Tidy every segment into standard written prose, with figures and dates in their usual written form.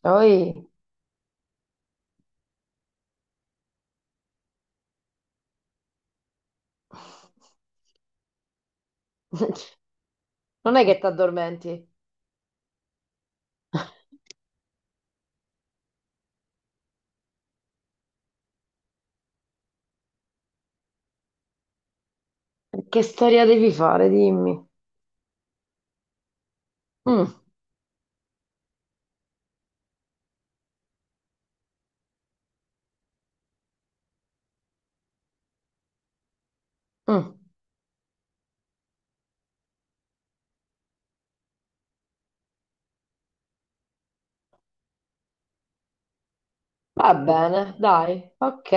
Poi non è che ti addormenti. Che storia devi fare, dimmi. Mm, mm. Va bene, dai, ok.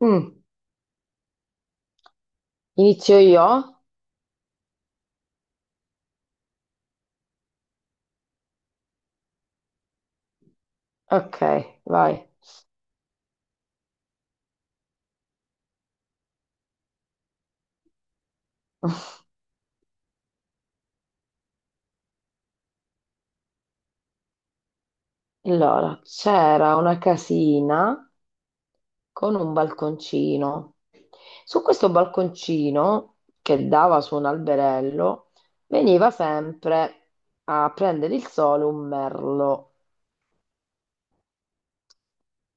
Mm. Inizio io? Ok, vai. Allora, c'era una casina con un balconcino. Su questo balconcino, che dava su un alberello, veniva sempre a prendere il sole un merlo.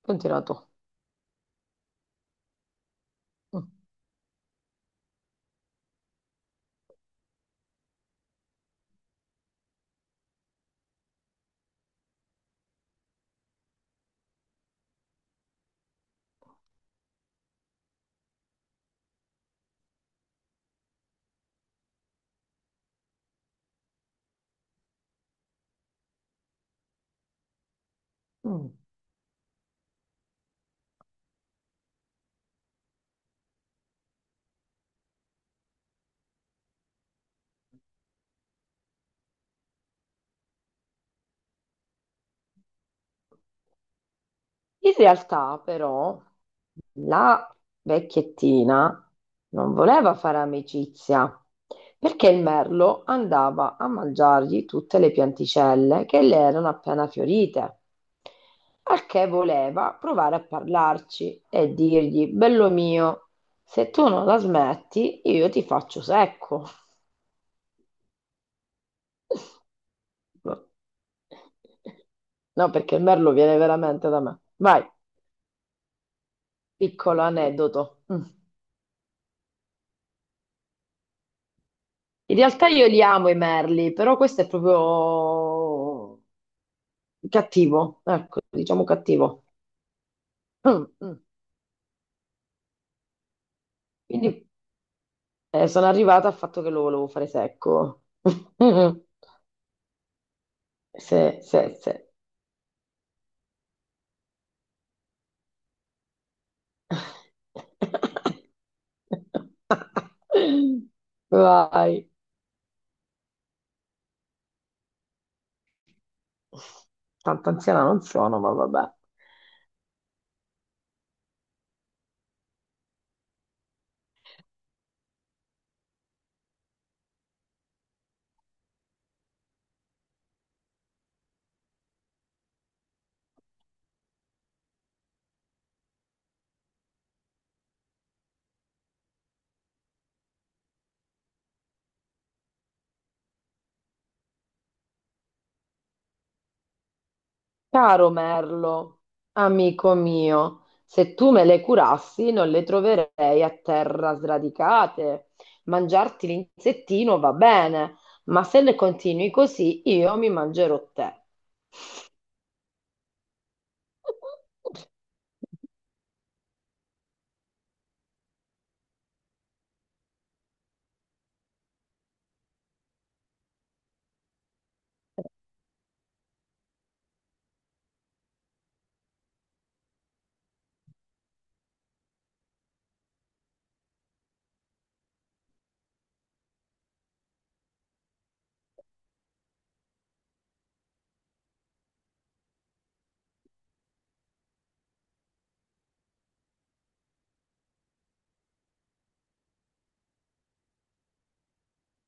Continua tu. Mm, mm. In realtà, però, la vecchiettina non voleva fare amicizia perché il merlo andava a mangiargli tutte le pianticelle che le erano appena fiorite, al che voleva provare a parlarci e dirgli: Bello mio, se tu non la smetti, io ti faccio secco. No, perché il merlo viene veramente da me. Vai, piccolo aneddoto. Mm. In realtà io li amo i merli, però questo è proprio cattivo, ecco, diciamo cattivo. Mm, mm. Quindi sono arrivata al fatto che lo volevo fare secco. Sì, sì, sì. Vai. Tanto anziana non sono, ma vabbè. Caro Merlo, amico mio, se tu me le curassi non le troverei a terra sradicate. Mangiarti l'insettino va bene, ma se le continui così io mi mangerò te.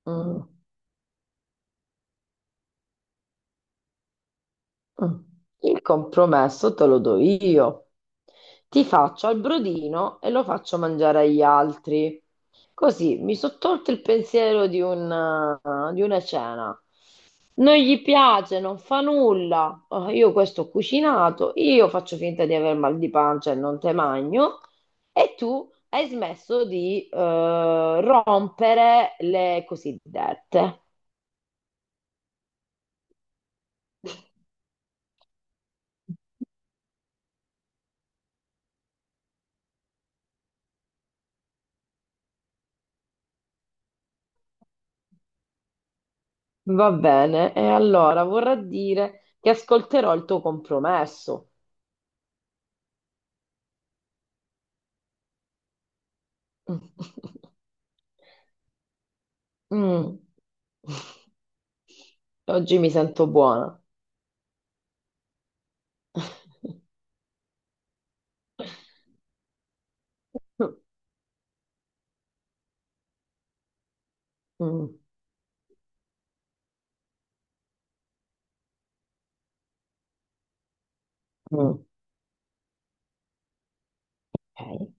Mm. Mm. Il compromesso te lo do io. Ti faccio al brodino e lo faccio mangiare agli altri. Così mi sono tolto il pensiero di di una cena. Non gli piace, non fa nulla. Oh, io questo ho cucinato, io faccio finta di aver mal di pancia e non te magno. E tu hai smesso di rompere le cosiddette. Va bene, e allora vorrà dire che ascolterò il tuo compromesso. Mm. Oggi mi sento buona. Mm. Mm. Ok.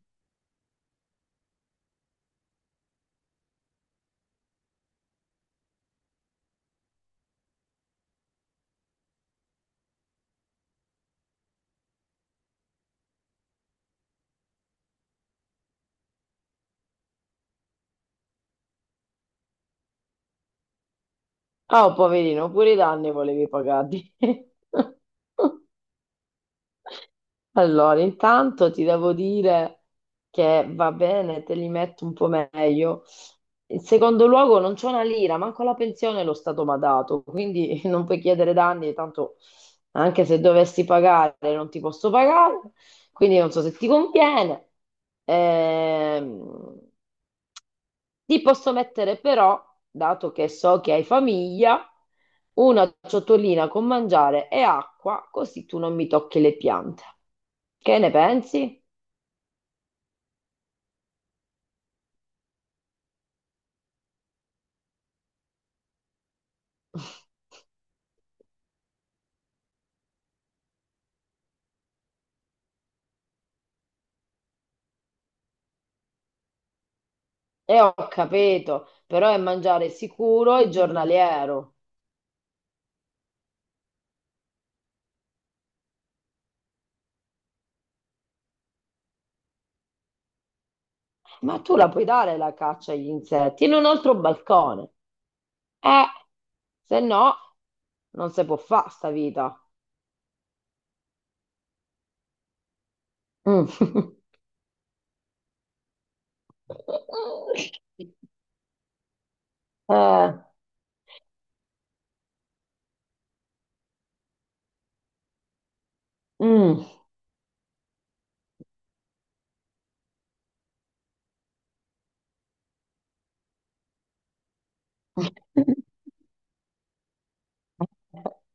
Ah, oh, poverino, pure i danni volevi pagarti. Allora, intanto ti devo dire che va bene, te li metto un po' meglio. In secondo luogo, non c'ho una lira, manco la pensione lo Stato mi ha dato, quindi non puoi chiedere danni, tanto anche se dovessi pagare non ti posso pagare, quindi non so se ti conviene. Ehm, Ti posso mettere però, dato che so che hai famiglia, una ciotolina con mangiare e acqua, così tu non mi tocchi le piante. Che ne pensi? E ho capito, però è mangiare sicuro e giornaliero. Ma tu la puoi dare la caccia agli insetti in un altro balcone. Eh, se no, non si può fare sta vita. Mm. Eh, mm.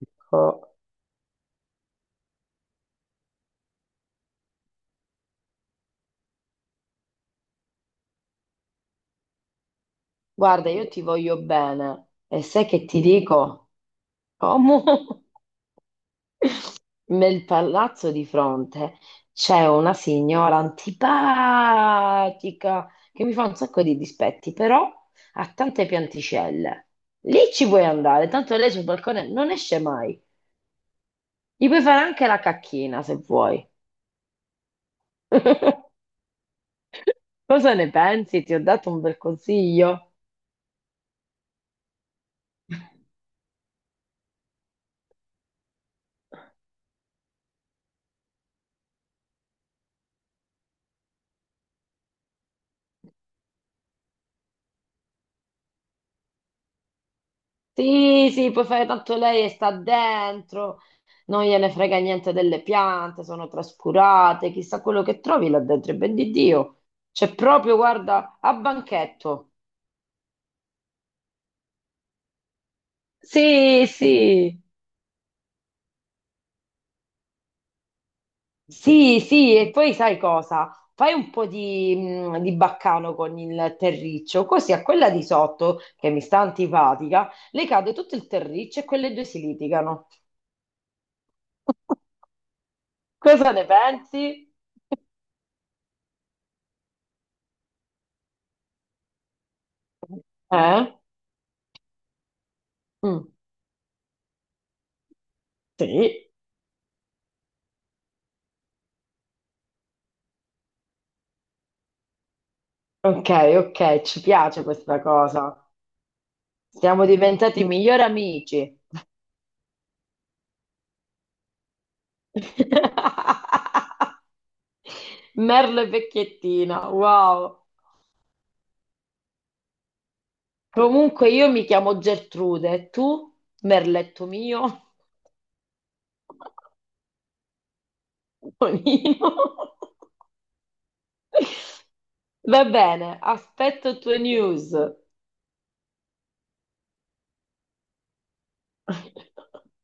Dico, guarda, io ti voglio bene e sai che ti dico? Come nel palazzo di fronte c'è una signora antipatica che mi fa un sacco di dispetti, però ha tante pianticelle. Lì ci puoi andare, tanto lei sul balcone non esce mai. Gli puoi fare anche la cacchina se vuoi. Cosa ne pensi? Ti ho dato un bel consiglio. Sì, sì, puoi fare tanto lei e sta dentro, non gliene frega niente delle piante, sono trascurate, chissà quello che trovi là dentro, e ben di Dio, c'è proprio, guarda, a banchetto. Sì, sì, sì, sì, e poi sai cosa? Fai un po' di baccano con il terriccio, così a quella di sotto, che mi sta antipatica, le cade tutto il terriccio e quelle due si litigano. Cosa ne pensi? Eh? Mm, sì. Ok, ok, ci piace questa cosa. Siamo diventati migliori amici. Merlo e vecchiettina, wow. Comunque io mi chiamo Gertrude, e tu? Merletto mio? Tonino? Va bene, aspetto tue news.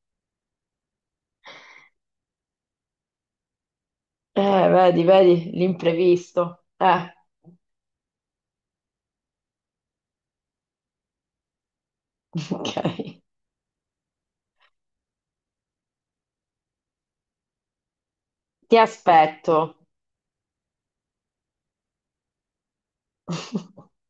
Eh, vedi, vedi, l'imprevisto. Ok. Ti aspetto.